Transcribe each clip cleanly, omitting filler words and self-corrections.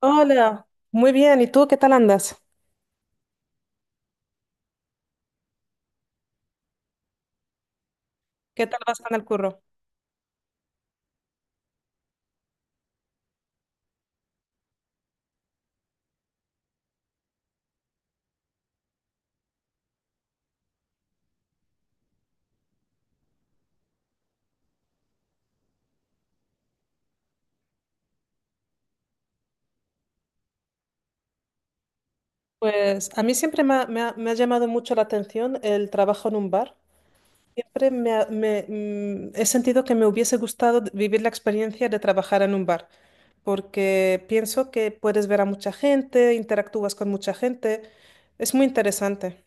Hola, muy bien. ¿Y tú qué tal andas? ¿Qué tal vas con el curro? Pues a mí siempre me ha llamado mucho la atención el trabajo en un bar. Siempre me, ha- me- mm, he sentido que me hubiese gustado vivir la experiencia de trabajar en un bar, porque pienso que puedes ver a mucha gente, interactúas con mucha gente. Es muy interesante.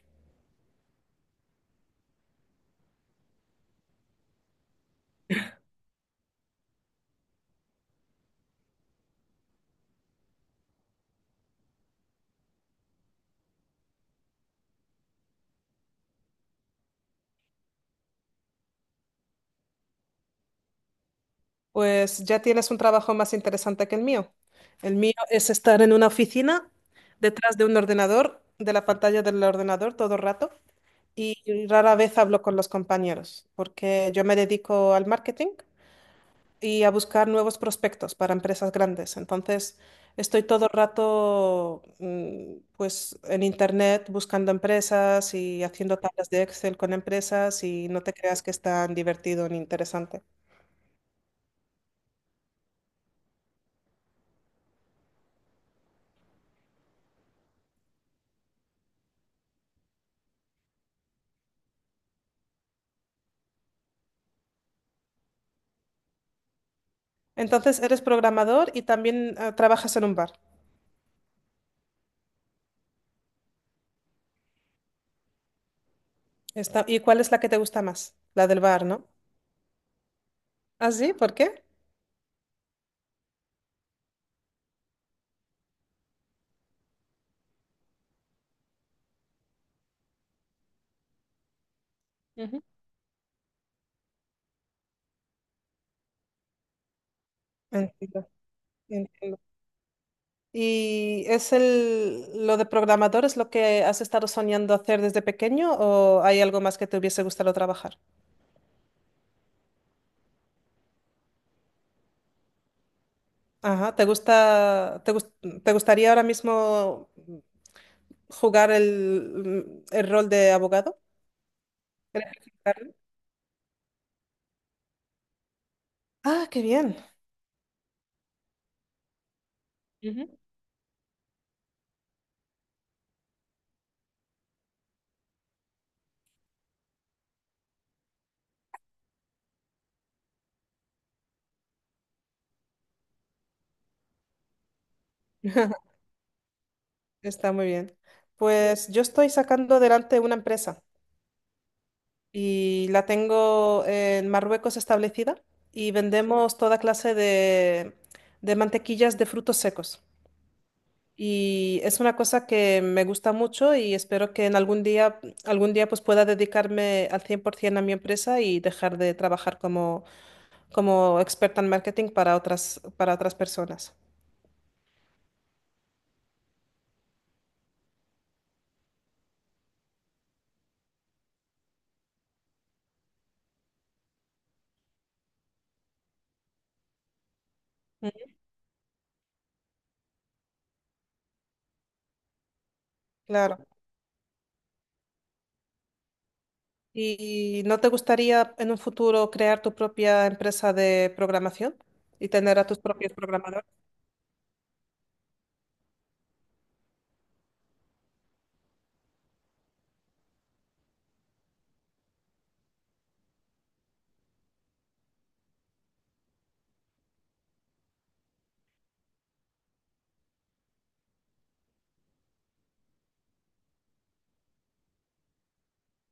Pues ya tienes un trabajo más interesante que el mío. El mío es estar en una oficina, detrás de un ordenador, de la pantalla del ordenador todo el rato, y rara vez hablo con los compañeros porque yo me dedico al marketing y a buscar nuevos prospectos para empresas grandes. Entonces, estoy todo el rato pues en internet buscando empresas y haciendo tablas de Excel con empresas, y no te creas que es tan divertido ni interesante. Entonces, eres programador y también trabajas en un bar. ¿Y cuál es la que te gusta más? La del bar, ¿no? ¿Ah, sí? ¿Por qué? Ujú. Entiendo, entiendo. ¿Y es el, lo de programador es lo que has estado soñando hacer desde pequeño, o hay algo más que te hubiese gustado trabajar? Ajá, ¿te gustaría ahora mismo jugar el rol de abogado? ¿Ejercitarlo? Ah, qué bien. Ujú. Está muy bien. Pues yo estoy sacando adelante una empresa y la tengo en Marruecos establecida, y vendemos toda clase de mantequillas de frutos secos. Y es una cosa que me gusta mucho y espero que en algún día pues pueda dedicarme al 100% a mi empresa y dejar de trabajar como, como experta en marketing para otras personas. Mm, claro. ¿Y no te gustaría en un futuro crear tu propia empresa de programación y tener a tus propios programadores?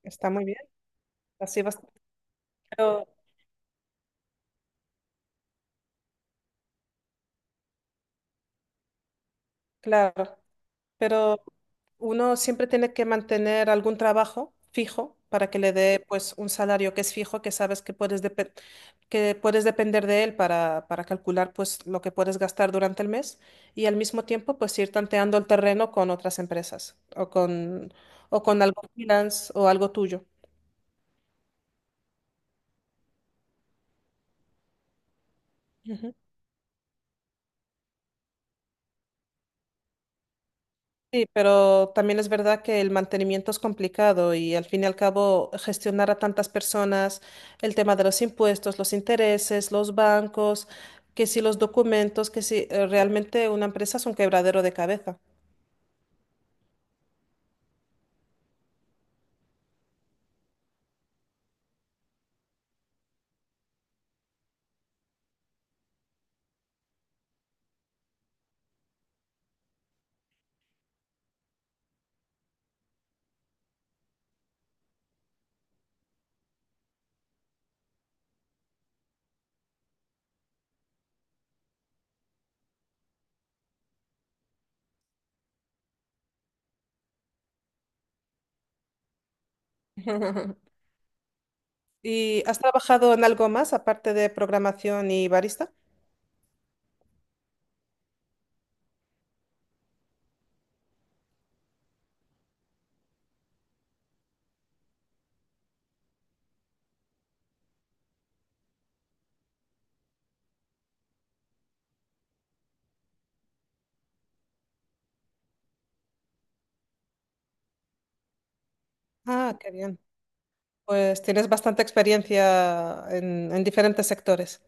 Está muy bien. Así vas, pero, claro, pero uno siempre tiene que mantener algún trabajo fijo para que le dé pues un salario que es fijo, que sabes que puedes depender de él para calcular pues lo que puedes gastar durante el mes, y al mismo tiempo pues ir tanteando el terreno con otras empresas, o con, o con algo freelance o algo tuyo. Sí, pero también es verdad que el mantenimiento es complicado y al fin y al cabo gestionar a tantas personas, el tema de los impuestos, los intereses, los bancos, que si los documentos, que si realmente una empresa es un quebradero de cabeza. ¿Y has trabajado en algo más aparte de programación y barista? Ah, qué bien. Pues tienes bastante experiencia en diferentes sectores.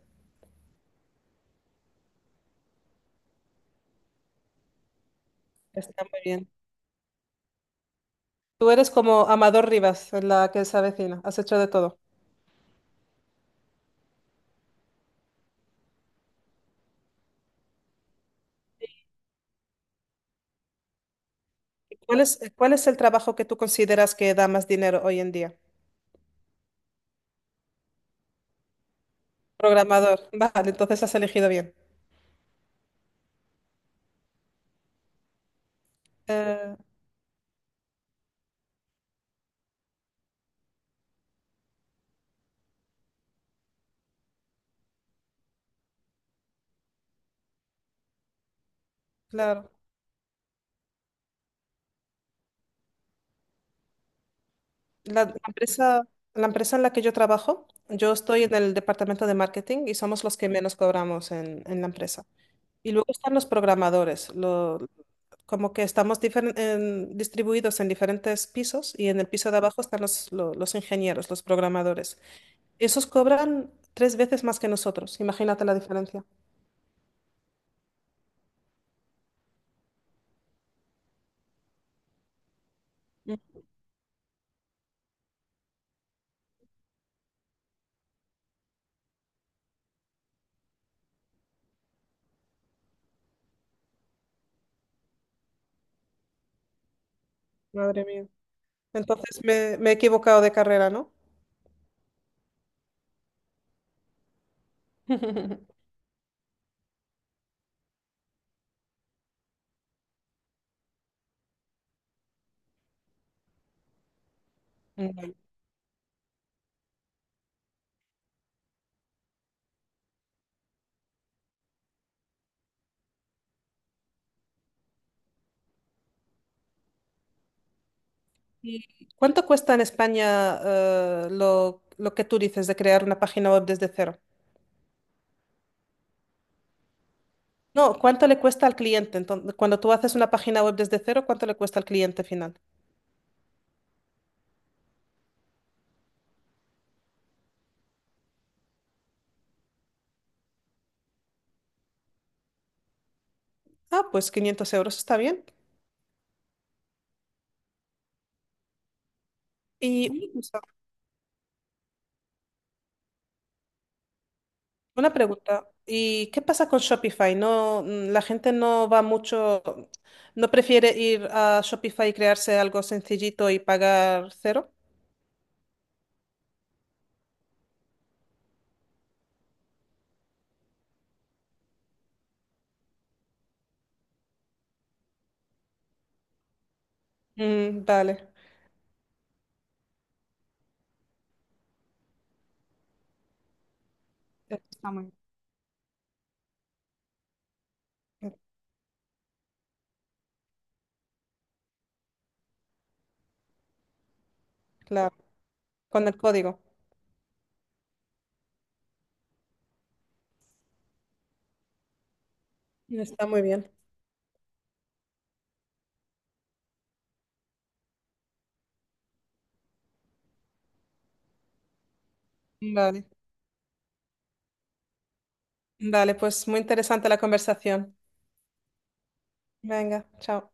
Está muy bien. Tú eres como Amador Rivas, en La que se avecina. Has hecho de todo. ¿Y cuál es el trabajo que tú consideras que da más dinero hoy en día? Programador. Vale, entonces has elegido bien. Eh, claro. La, la empresa, la empresa en la que yo trabajo, yo estoy en el departamento de marketing y somos los que menos cobramos en la empresa. Y luego están los programadores, como que estamos distribuidos en diferentes pisos, y en el piso de abajo están los ingenieros, los programadores. Esos cobran tres veces más que nosotros, imagínate la diferencia. Mm. Madre mía. Entonces me he equivocado de carrera, ¿no? ¿Y cuánto cuesta en España lo que tú dices de crear una página web desde cero? No, ¿cuánto le cuesta al cliente? Entonces, cuando tú haces una página web desde cero, ¿cuánto le cuesta al cliente final? Ah, pues 500 euros, está bien. Y una cosa, una pregunta, ¿y qué pasa con Shopify? No, la gente no va mucho, no prefiere ir a Shopify y crearse algo sencillito y pagar cero. Mm, vale. Está muy bien. Claro, con el código. Está muy bien. Vale. Dale, pues muy interesante la conversación. Venga, chao.